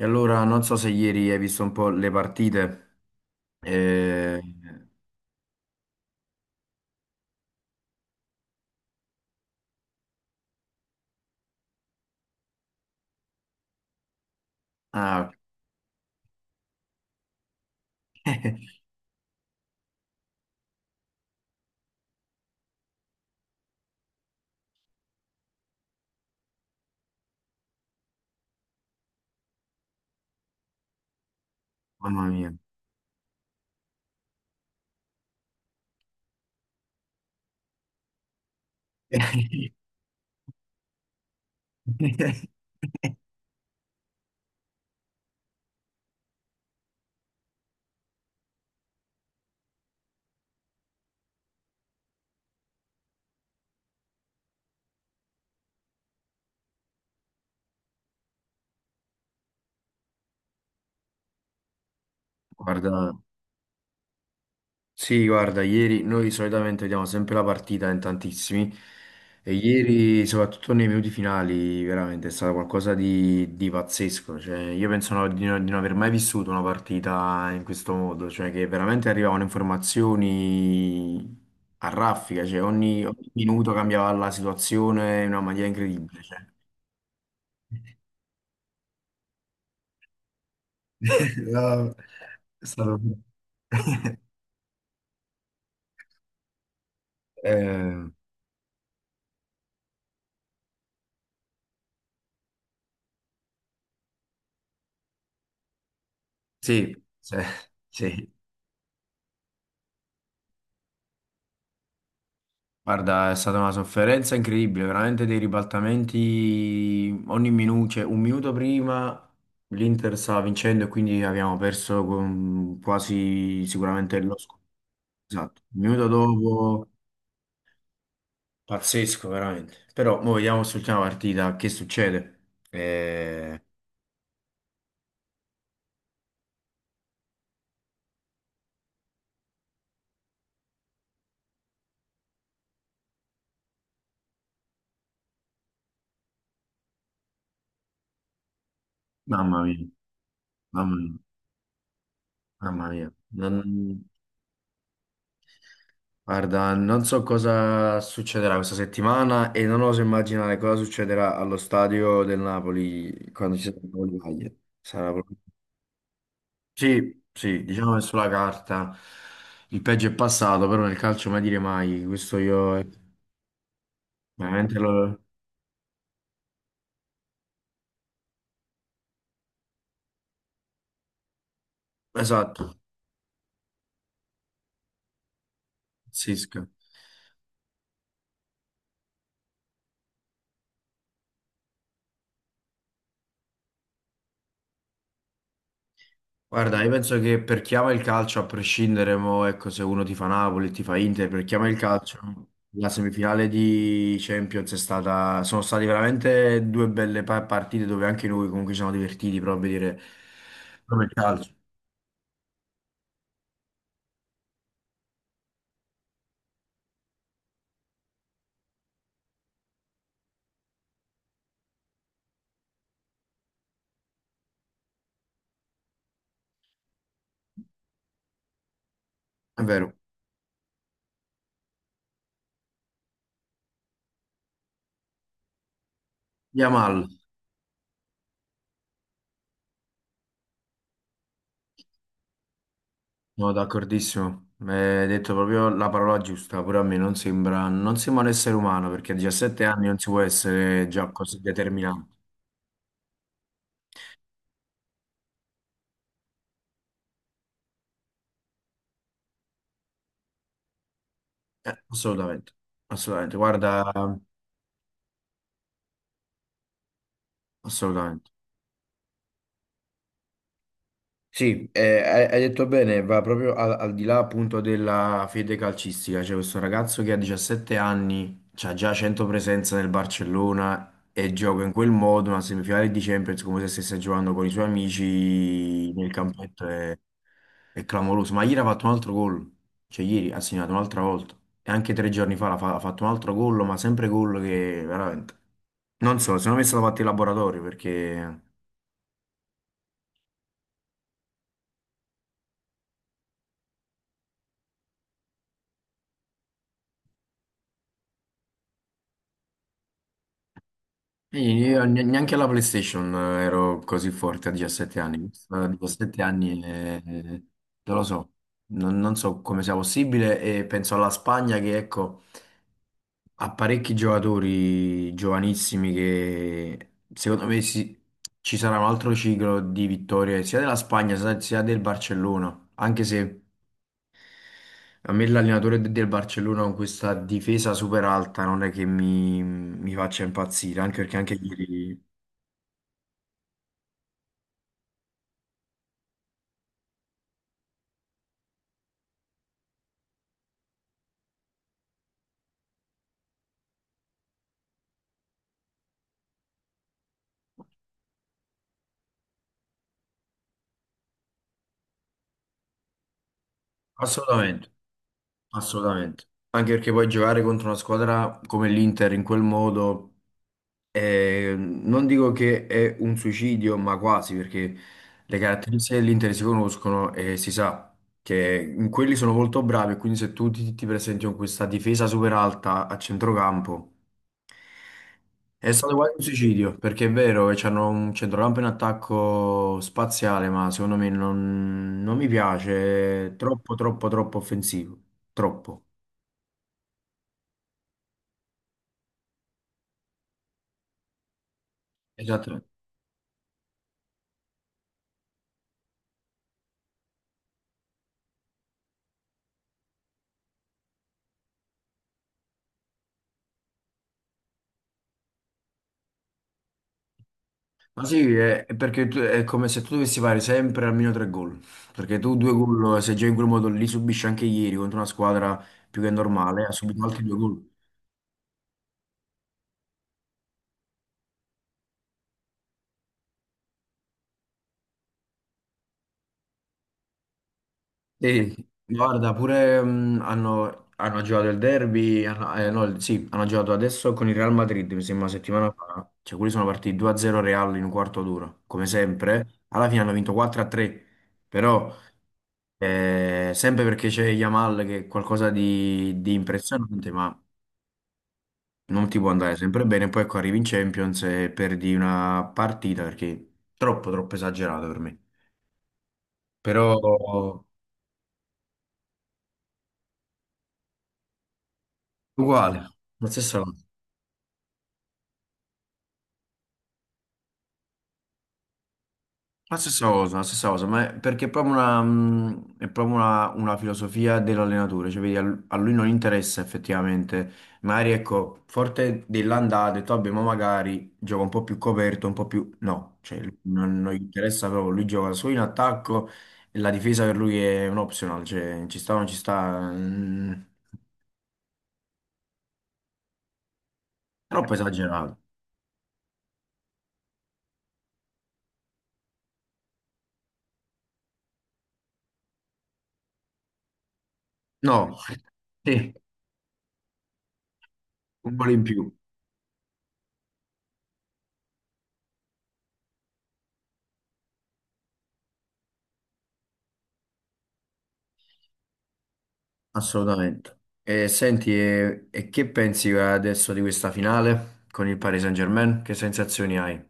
E allora non so se ieri hai visto un po' le partite. No, ah, ok. Mamma mia. Guarda, sì, guarda, ieri noi solitamente vediamo sempre la partita in tantissimi e ieri, soprattutto nei minuti finali, veramente è stato qualcosa di pazzesco. Cioè, io penso di, di non aver mai vissuto una partita in questo modo, cioè che veramente arrivavano informazioni a raffica, cioè ogni, ogni minuto cambiava la situazione in una maniera incredibile. Cioè. No, è stato... Eh, sì, cioè, sì. Guarda, è stata una sofferenza incredibile, veramente dei ribaltamenti ogni minuto, cioè un minuto prima l'Inter stava vincendo e quindi abbiamo perso con quasi sicuramente lo scopo. Esatto. Un minuto dopo, pazzesco veramente. Però mo vediamo sull'ultima partita che succede. Eh, Mamma mia, mamma mia, mamma mia. Non- guarda, non so cosa succederà questa settimana e non oso immaginare cosa succederà allo stadio del Napoli quando ci sarà il Napoli-Cagliari. Sarà proprio- sì, sì, diciamo che sulla carta il peggio è passato, però nel calcio mai dire mai. Questo io veramente lo... Esatto, pazzesco. Guarda, io penso che per chi ama il calcio, a prescindere, mo, ecco, se uno ti fa Napoli, ti fa Inter, per chi ama il calcio, la semifinale di Champions è stata, sono state veramente due belle partite dove anche noi comunque ci siamo divertiti proprio a vedere proprio il calcio. È vero. Yamal, sono d'accordissimo, mi hai detto proprio la parola giusta, pure a me non sembra, non sembra un essere umano perché a 17 anni non si può essere già così determinato. Assolutamente, assolutamente, guarda, assolutamente. Sì, hai detto bene, va proprio al, al di là appunto della fede calcistica. C'è questo ragazzo che a 17 anni ha già 100 presenze nel Barcellona e gioca in quel modo una semifinale di Champions come se stesse giocando con i suoi amici nel campetto. È clamoroso. Ma ieri ha fatto un altro gol, cioè ieri ha segnato un'altra volta e anche tre giorni fa ha fatto un altro gol, ma sempre gol che veramente... Non so, secondo me è stato fatto in laboratorio perché... Sì, io neanche alla PlayStation ero così forte a 17 anni. A 17 anni non lo so, non, non so come sia possibile e penso alla Spagna che ecco, ha parecchi giocatori giovanissimi che secondo me si- ci sarà un altro ciclo di vittorie sia della Spagna sia sia del Barcellona, anche se a me l'allenatore del Barcellona con questa difesa super alta non è che mi faccia impazzire, anche perché anche ieri... Assolutamente. Assolutamente. Anche perché poi giocare contro una squadra come l'Inter in quel modo, è- non dico che è un suicidio, ma quasi, perché le caratteristiche dell'Inter si conoscono e si sa che in quelli sono molto bravi, e quindi se tu ti, ti presenti con questa difesa super alta a centrocampo, è stato quasi un suicidio, perché è vero che c'hanno un centrocampo in attacco spaziale, ma secondo me non, non mi piace, è troppo, troppo, troppo offensivo, troppo. Esattamente. Ma sì, è perché tu- è come se tu dovessi fare sempre almeno tre gol, perché tu due gol, se giochi in quel modo li subisci anche ieri contro una squadra più che normale, ha subito altri due gol. Sì, guarda, pure hanno, hanno giocato il derby, hanno, no, il- sì, hanno giocato adesso con il Real Madrid, mi sembra una settimana fa, cioè quelli sono partiti 2-0 Real in un quarto d'ora, come sempre, alla fine hanno vinto 4-3, però sempre perché c'è Yamal che è qualcosa di impressionante, ma... non ti può andare sempre bene, poi ecco arrivi in Champions e perdi una partita perché è troppo, troppo esagerato per me. Però ok. Uguale, la stessa cosa. La stessa cosa, la stessa cosa, ma è perché è proprio una filosofia dell'allenatore, cioè vedi, a a lui non interessa effettivamente, magari ecco, forte dell'andata, ha detto vabbè, ma magari gioca un po' più coperto, un po' più... No, cioè non, non gli interessa proprio, lui gioca solo in attacco e la difesa per lui è un optional, cioè ci sta o non ci sta, mm, troppo esagerato. No, sì, un po' in più. Assolutamente. E senti, e che pensi adesso di questa finale con il Paris Saint-Germain? Che sensazioni hai?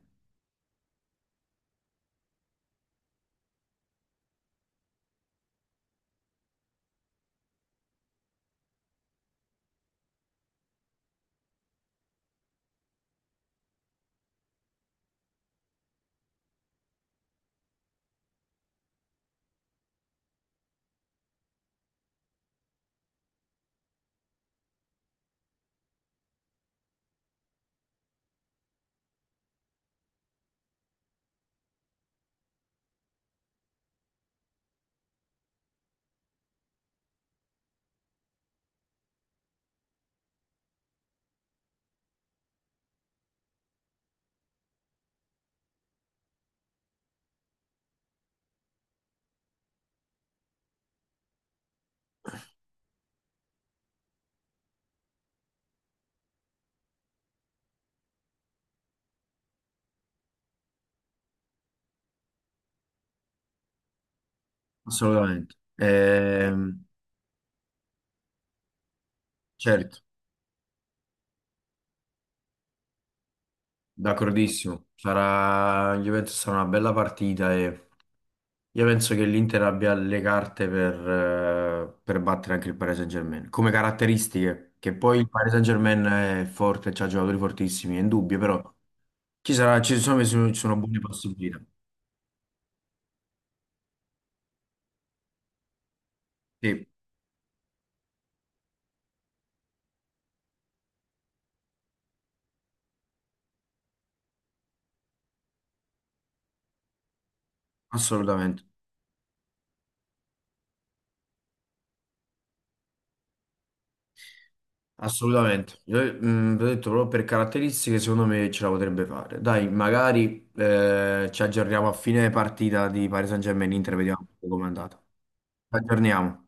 Assolutamente. Certo, d'accordissimo. Sarà, io penso sarà una bella partita e io penso che l'Inter abbia le carte per battere anche il Paris Saint-Germain. Come caratteristiche, che poi il Paris Saint-Germain è forte, c'ha giocatori fortissimi, è indubbio, però ci sarà, ci sono buone possibilità. Sì, assolutamente. Assolutamente, io, mm, vi ho detto proprio per caratteristiche, secondo me ce la potrebbe fare. Dai, magari ci aggiorniamo a fine partita di Paris Saint-Germain Inter, vediamo come è andata. Ci aggiorniamo.